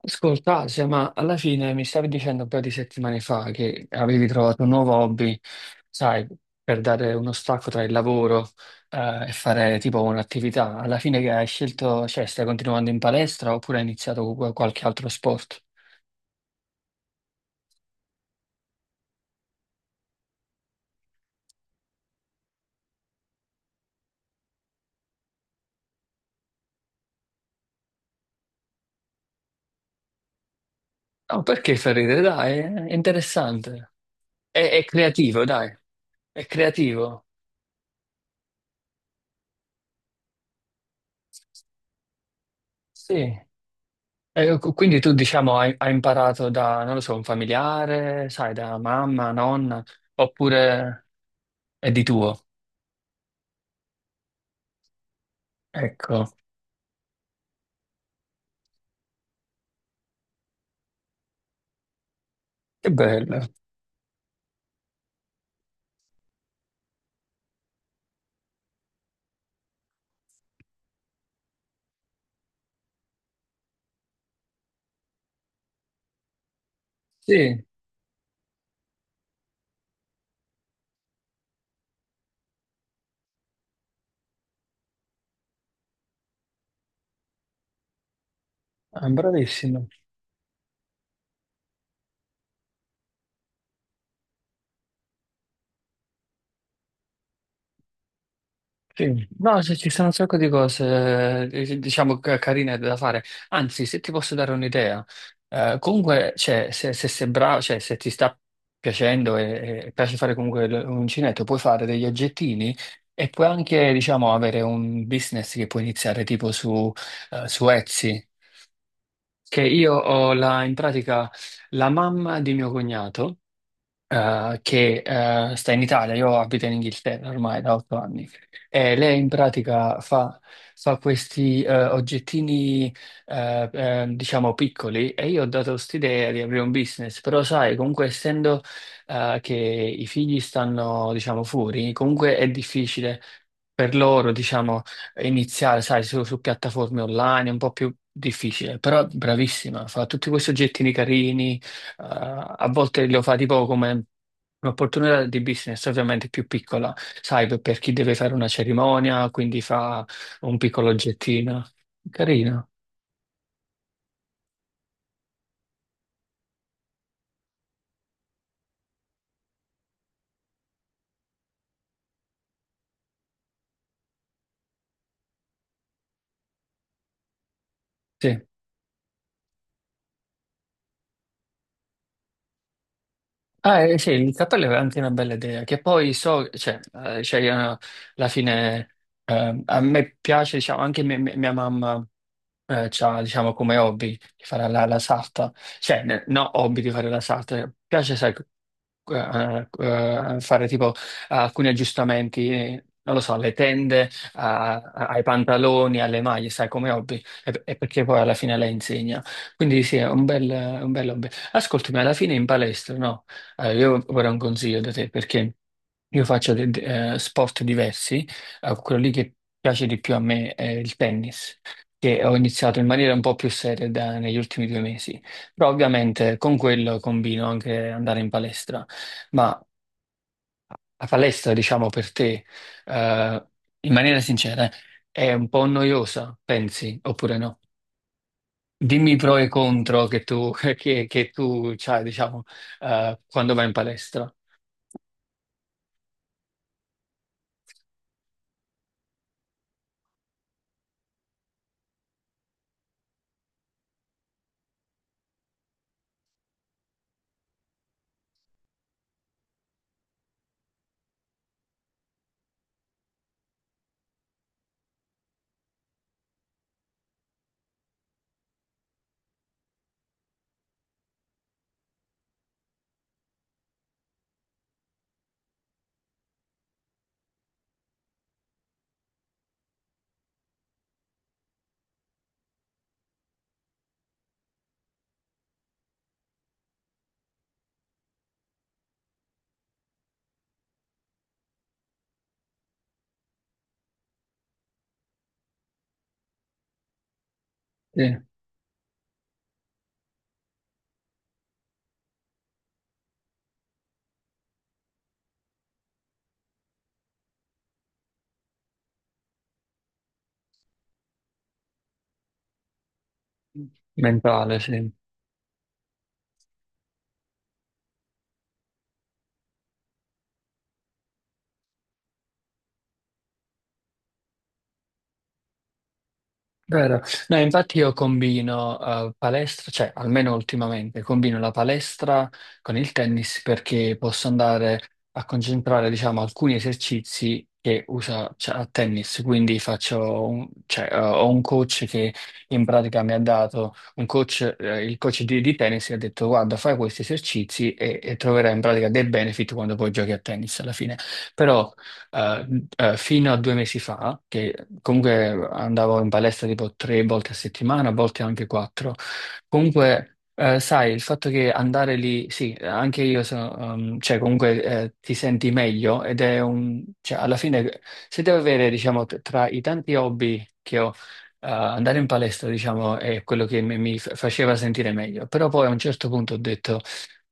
Ascolta, Asia, ma alla fine mi stavi dicendo un paio di settimane fa che avevi trovato un nuovo hobby, sai, per dare uno stacco tra il lavoro, e fare tipo un'attività. Alla fine che hai scelto, cioè stai continuando in palestra oppure hai iniziato qualche altro sport? No, perché fa ridere, dai, è interessante. È creativo, dai, è creativo. Sì. E quindi tu, diciamo, hai imparato da, non lo so, un familiare, sai, da mamma, nonna, oppure è di tuo? Ecco, che bello. Sì, bravissimo. Sì. No, se ci sono un sacco di cose, diciamo, carine da fare. Anzi, se ti posso dare un'idea, comunque, cioè, se sei bravo, cioè, se ti sta piacendo e, piace fare comunque l'uncinetto, puoi fare degli oggettini e puoi anche, diciamo, avere un business che puoi iniziare tipo su, su Etsy. Che io ho la, in pratica la mamma di mio cognato. Che sta in Italia, io abito in Inghilterra ormai da 8 anni, e lei in pratica fa questi oggettini, diciamo, piccoli, e io ho dato quest'idea di aprire un business, però sai, comunque essendo che i figli stanno, diciamo, fuori, comunque è difficile per loro, diciamo, iniziare, sai, su, piattaforme online, è un po' più difficile, però bravissima, fa tutti questi oggettini carini, a volte lo fa tipo come un'opportunità di business, ovviamente più piccola, sai, per chi deve fare una cerimonia, quindi fa un piccolo oggettino. Carino, sì. Ah, sì, il cappello è anche una bella idea, che poi so, cioè, cioè, alla fine, a me piace, diciamo, anche mia mamma. C'ha, diciamo, come hobby di fare la sarta, cioè, no, hobby di fare la sarta, piace, sai, fare tipo alcuni aggiustamenti, non lo so, alle tende, ai pantaloni, alle maglie, sai, come hobby, e, perché poi alla fine lei insegna. Quindi sì, è un bel hobby. Ascoltami, alla fine in palestra, no? Io vorrei un consiglio da te, perché io faccio sport diversi, quello lì che piace di più a me è il tennis che ho iniziato in maniera un po' più seria negli ultimi 2 mesi. Però ovviamente con quello combino anche andare in palestra. Ma la palestra, diciamo per te, eh, in maniera sincera, è un po' noiosa, pensi, oppure no? Dimmi i pro e i contro che tu, che tu c'hai, diciamo, quando vai in palestra. Sì, mentale, sì. Vero. No, infatti io combino palestra, cioè almeno ultimamente, combino la palestra con il tennis perché posso andare a concentrare, diciamo, alcuni esercizi che usa, cioè, a tennis. Quindi faccio un, cioè, ho un coach che in pratica mi ha dato un coach, il coach di tennis, e ha detto: guarda, fai questi esercizi e, troverai in pratica dei benefit quando poi giochi a tennis alla fine. Però eh, fino a 2 mesi fa, che comunque andavo in palestra tipo 3 volte a settimana, a volte anche quattro. Comunque, sai, il fatto che andare lì, sì, anche io sono, cioè comunque ti senti meglio ed è un, cioè alla fine se devo avere, diciamo, tra i tanti hobby che ho, andare in palestra, diciamo, è quello che faceva sentire meglio. Però poi a un certo punto ho detto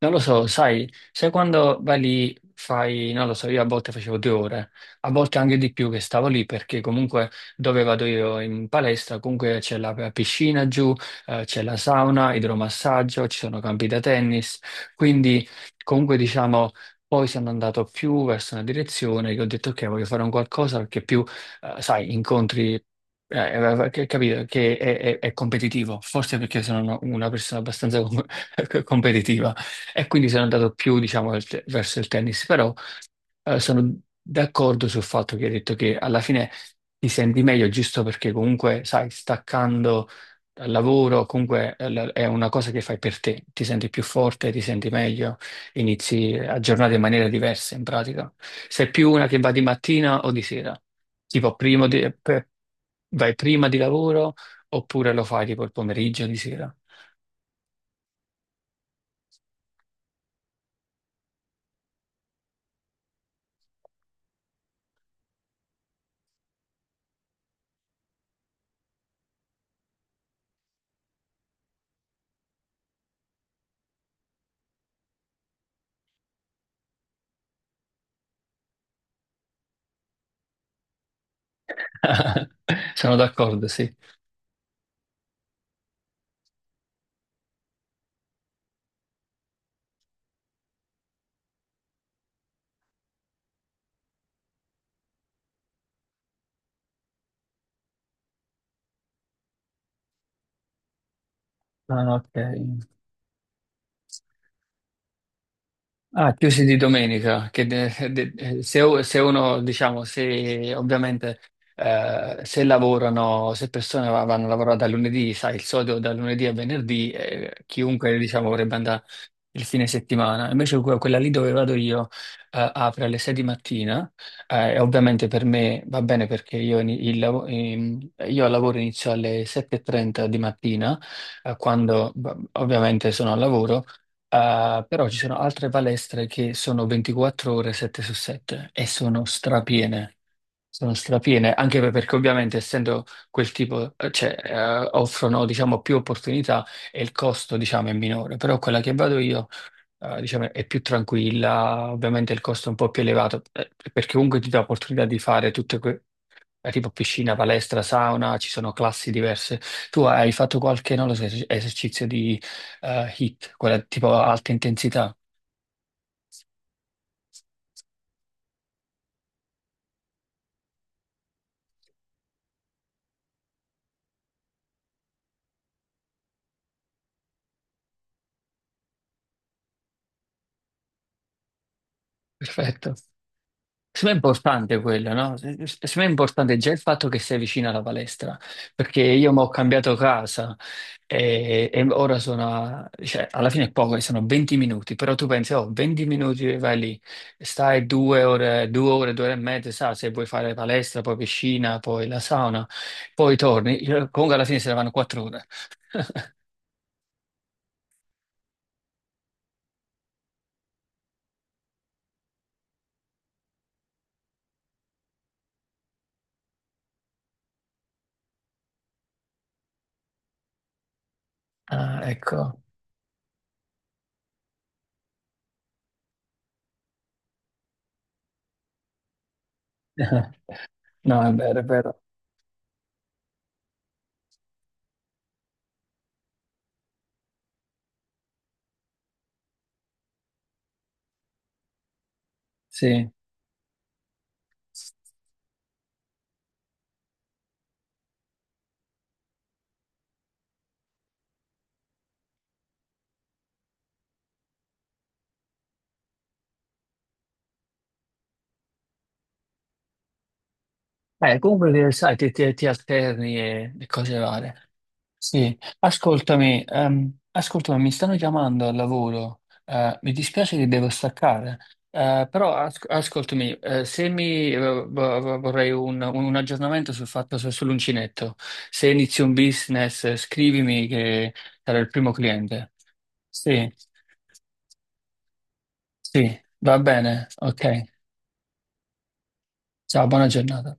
non lo so, sai, quando vai lì, fai, non lo so, io a volte facevo 2 ore, a volte anche di più che stavo lì perché comunque dove vado io in palestra, comunque c'è la piscina giù, c'è la sauna, idromassaggio, ci sono campi da tennis, quindi comunque diciamo, poi sono andato più verso una direzione che ho detto ok, voglio fare un qualcosa perché più, sai, incontri... che, capito, che è competitivo, forse perché sono una persona abbastanza competitiva. E quindi sono andato più, diciamo, verso il tennis, però sono d'accordo sul fatto che hai detto che alla fine ti senti meglio giusto perché comunque, sai, staccando dal lavoro, comunque è una cosa che fai per te, ti senti più forte, ti senti meglio, inizi a giornata in maniera diversa in pratica. Sei più una che va di mattina o di sera, tipo vai prima di lavoro oppure lo fai tipo il pomeriggio di sera. Sono d'accordo, sì. Ah, ok. Ah, chiusi di domenica, che se uno, diciamo, se ovviamente se lavorano, se persone vanno a lavorare da lunedì, sai, il solito da lunedì a venerdì, chiunque, diciamo, vorrebbe andare il fine settimana. Invece quella lì dove vado io apre alle 6 di mattina e ovviamente per me va bene perché io al lavoro inizio alle 7:30 di mattina, quando ovviamente sono al lavoro. Ah, però ci sono altre palestre che sono 24 ore 7 su 7 e sono strapiene. Sono strapiene, anche perché ovviamente essendo quel tipo, cioè, offrono, diciamo, più opportunità e il costo, diciamo, è minore. Però quella che vado io diciamo, è più tranquilla, ovviamente il costo è un po' più elevato, perché comunque ti dà l'opportunità di fare tutte tipo piscina, palestra, sauna, ci sono classi diverse. Tu hai fatto qualche, non lo so, esercizio di hit, quella tipo alta intensità? Perfetto. Secondo me è importante quello, no? Secondo me è importante già il fatto che sei vicino alla palestra, perché io mi ho cambiato casa e, ora sono, cioè, alla fine è poco, sono 20 minuti, però tu pensi, oh, 20 minuti vai lì, stai due ore, due ore, due ore e mezza, sa, se vuoi fare palestra, poi piscina, poi la sauna, poi torni, comunque alla fine se ne vanno 4 ore. Ah, ecco. No, è vero, è vero. Sì. Comunque, sai, ti alterni e, cose varie. Sì, ascoltami, mi stanno chiamando al lavoro, mi dispiace che devo staccare, però ascoltami, se mi vo- vo- vorrei un aggiornamento sul fatto sull'uncinetto, se inizi un business scrivimi che sarò il primo cliente. Sì, sì, va bene, ok, ciao, buona giornata.